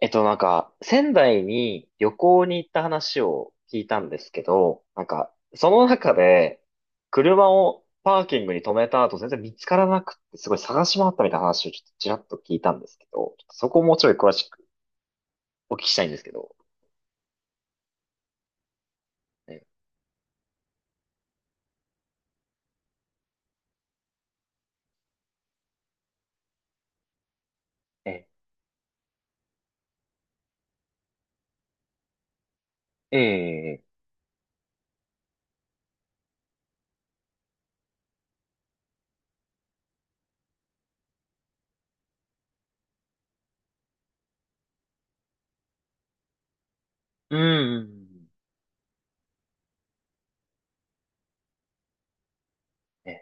なんか、仙台に旅行に行った話を聞いたんですけど、なんか、その中で、車をパーキングに止めた後、全然見つからなくって、すごい探し回ったみたいな話をちょっとちらっと聞いたんですけど、ちょっとそこをもうちょい詳しくお聞きしたいんですけど。え、え、ええ、うん、え、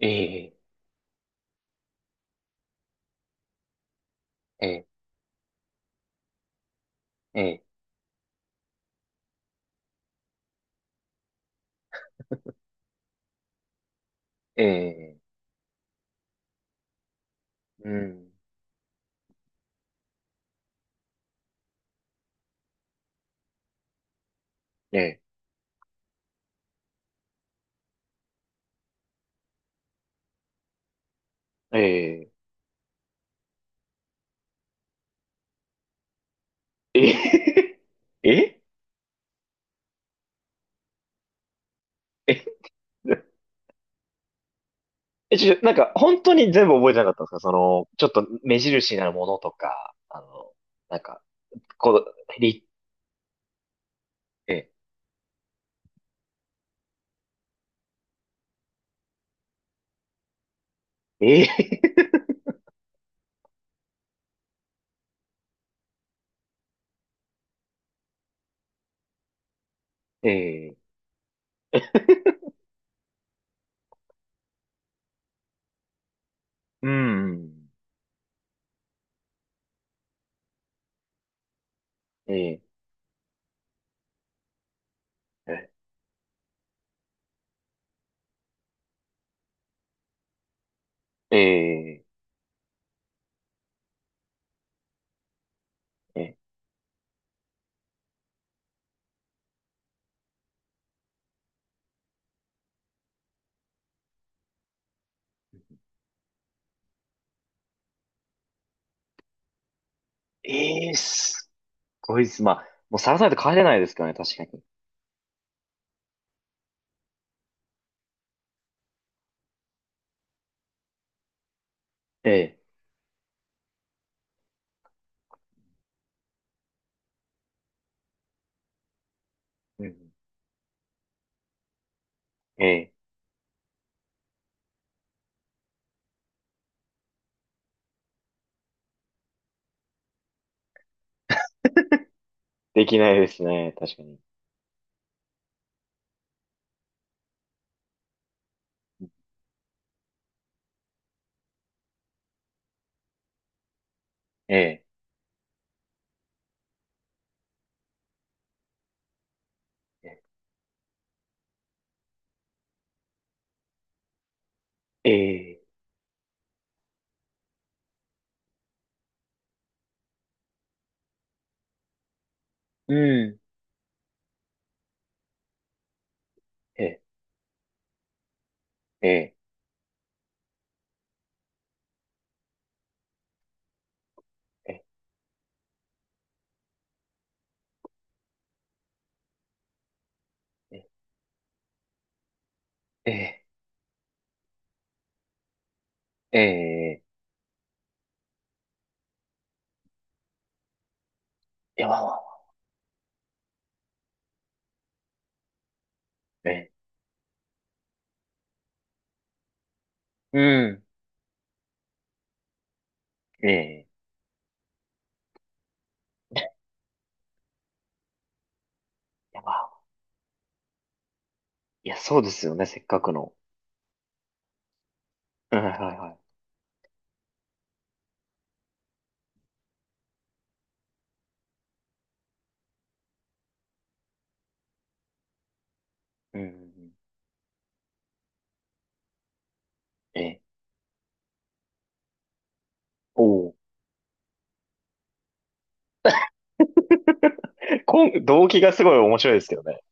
え、え、え、え、え、え、うん、え、え、え、え、え、え、ええ、ちょ、なんか、本当に全部覚えてなかったんですかその、ちょっと目印になるものとか、あの、なんか、こう、り、え、えー、えー、うん、えー、え、えー、えー、えー、すごいです。まあ、もうさらさないと帰れないですからね、確かに。えー、うん、えー、できないですね、確かに。えー、えー、うん、えー、えー、えー、えー、えー、えー、やばわ、えー、うん、えー、やばいや、そうですよね、せっかくの。うんはいはいはい。うんうんうん。え、おお。こん、動機がすごい面白いですけどね。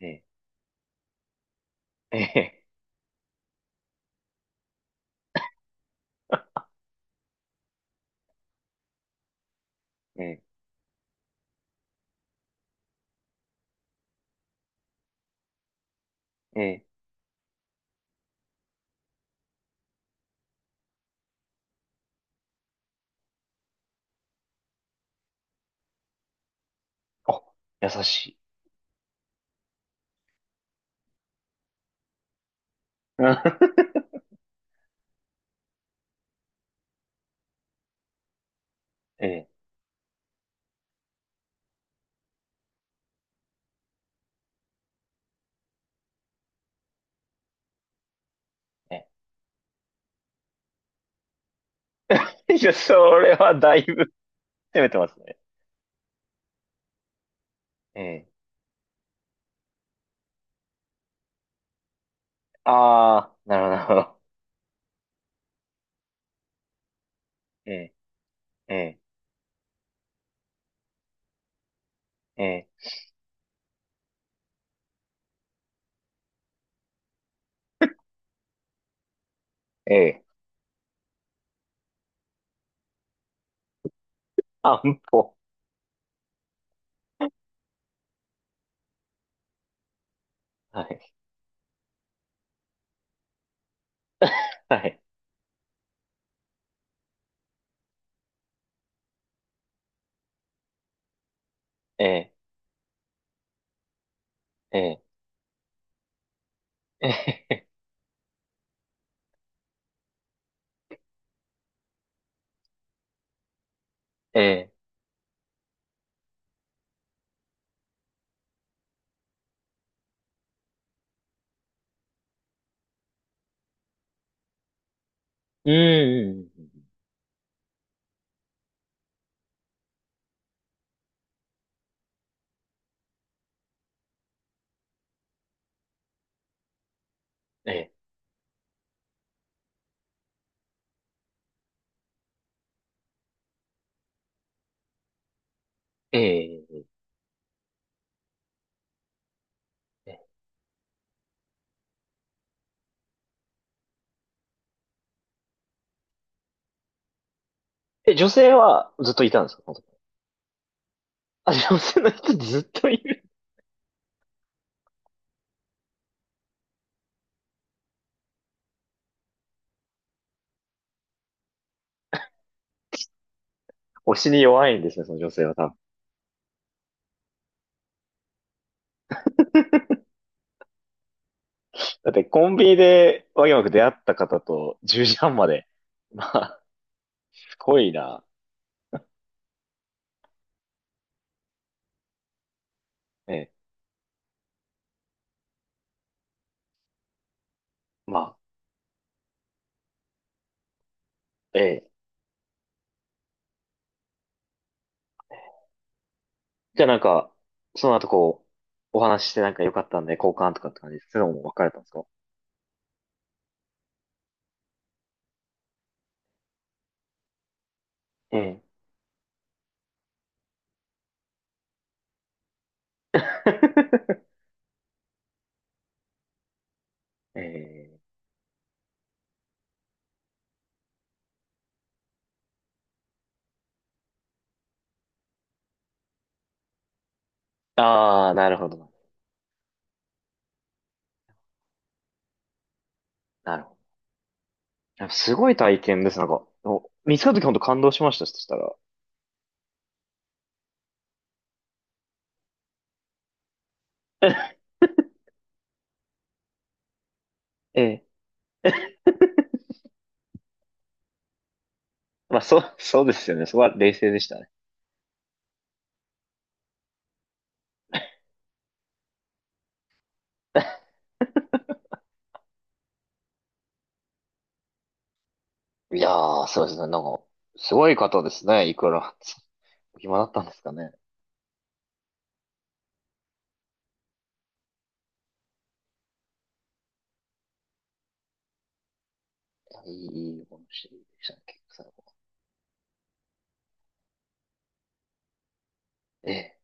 え、え、ええ、ええ、ええ、あ、優しい。うん え、え、ええ、いや、それはだいぶ 攻めてますね。ええ、あー、なるほど、なるほど。え、え、ええ、ええ、ええ、安保。はい、はい。え、え、ええ、ええ、ええ、うん、うんうんうん、え、え、ええ、え、女性はずっといたんですか？あ、女性の人ずっといる。推しに弱いんですね、その女性は多分。だってコンビニでわけわく出会った方と10時半まで。まあ、すごいな。ええ。まあ、ええ。じゃあなんか、その後こう、お話ししてなんか良かったんで交換とかって感じです、そういうのも別れたんですか？ええ。ええ。ああ、なるほど。なるほど。やっぱすごい体験です。なんか、お見つかった時本当感動しました、そしたら。ええ。まあ、そう、そうですよね。そこは冷静でしたね。いやー、そうですね。なんか、すごい方ですね。いくら。お暇だったんですかね。いやいい、いいお話でしたね、結構最後。ええ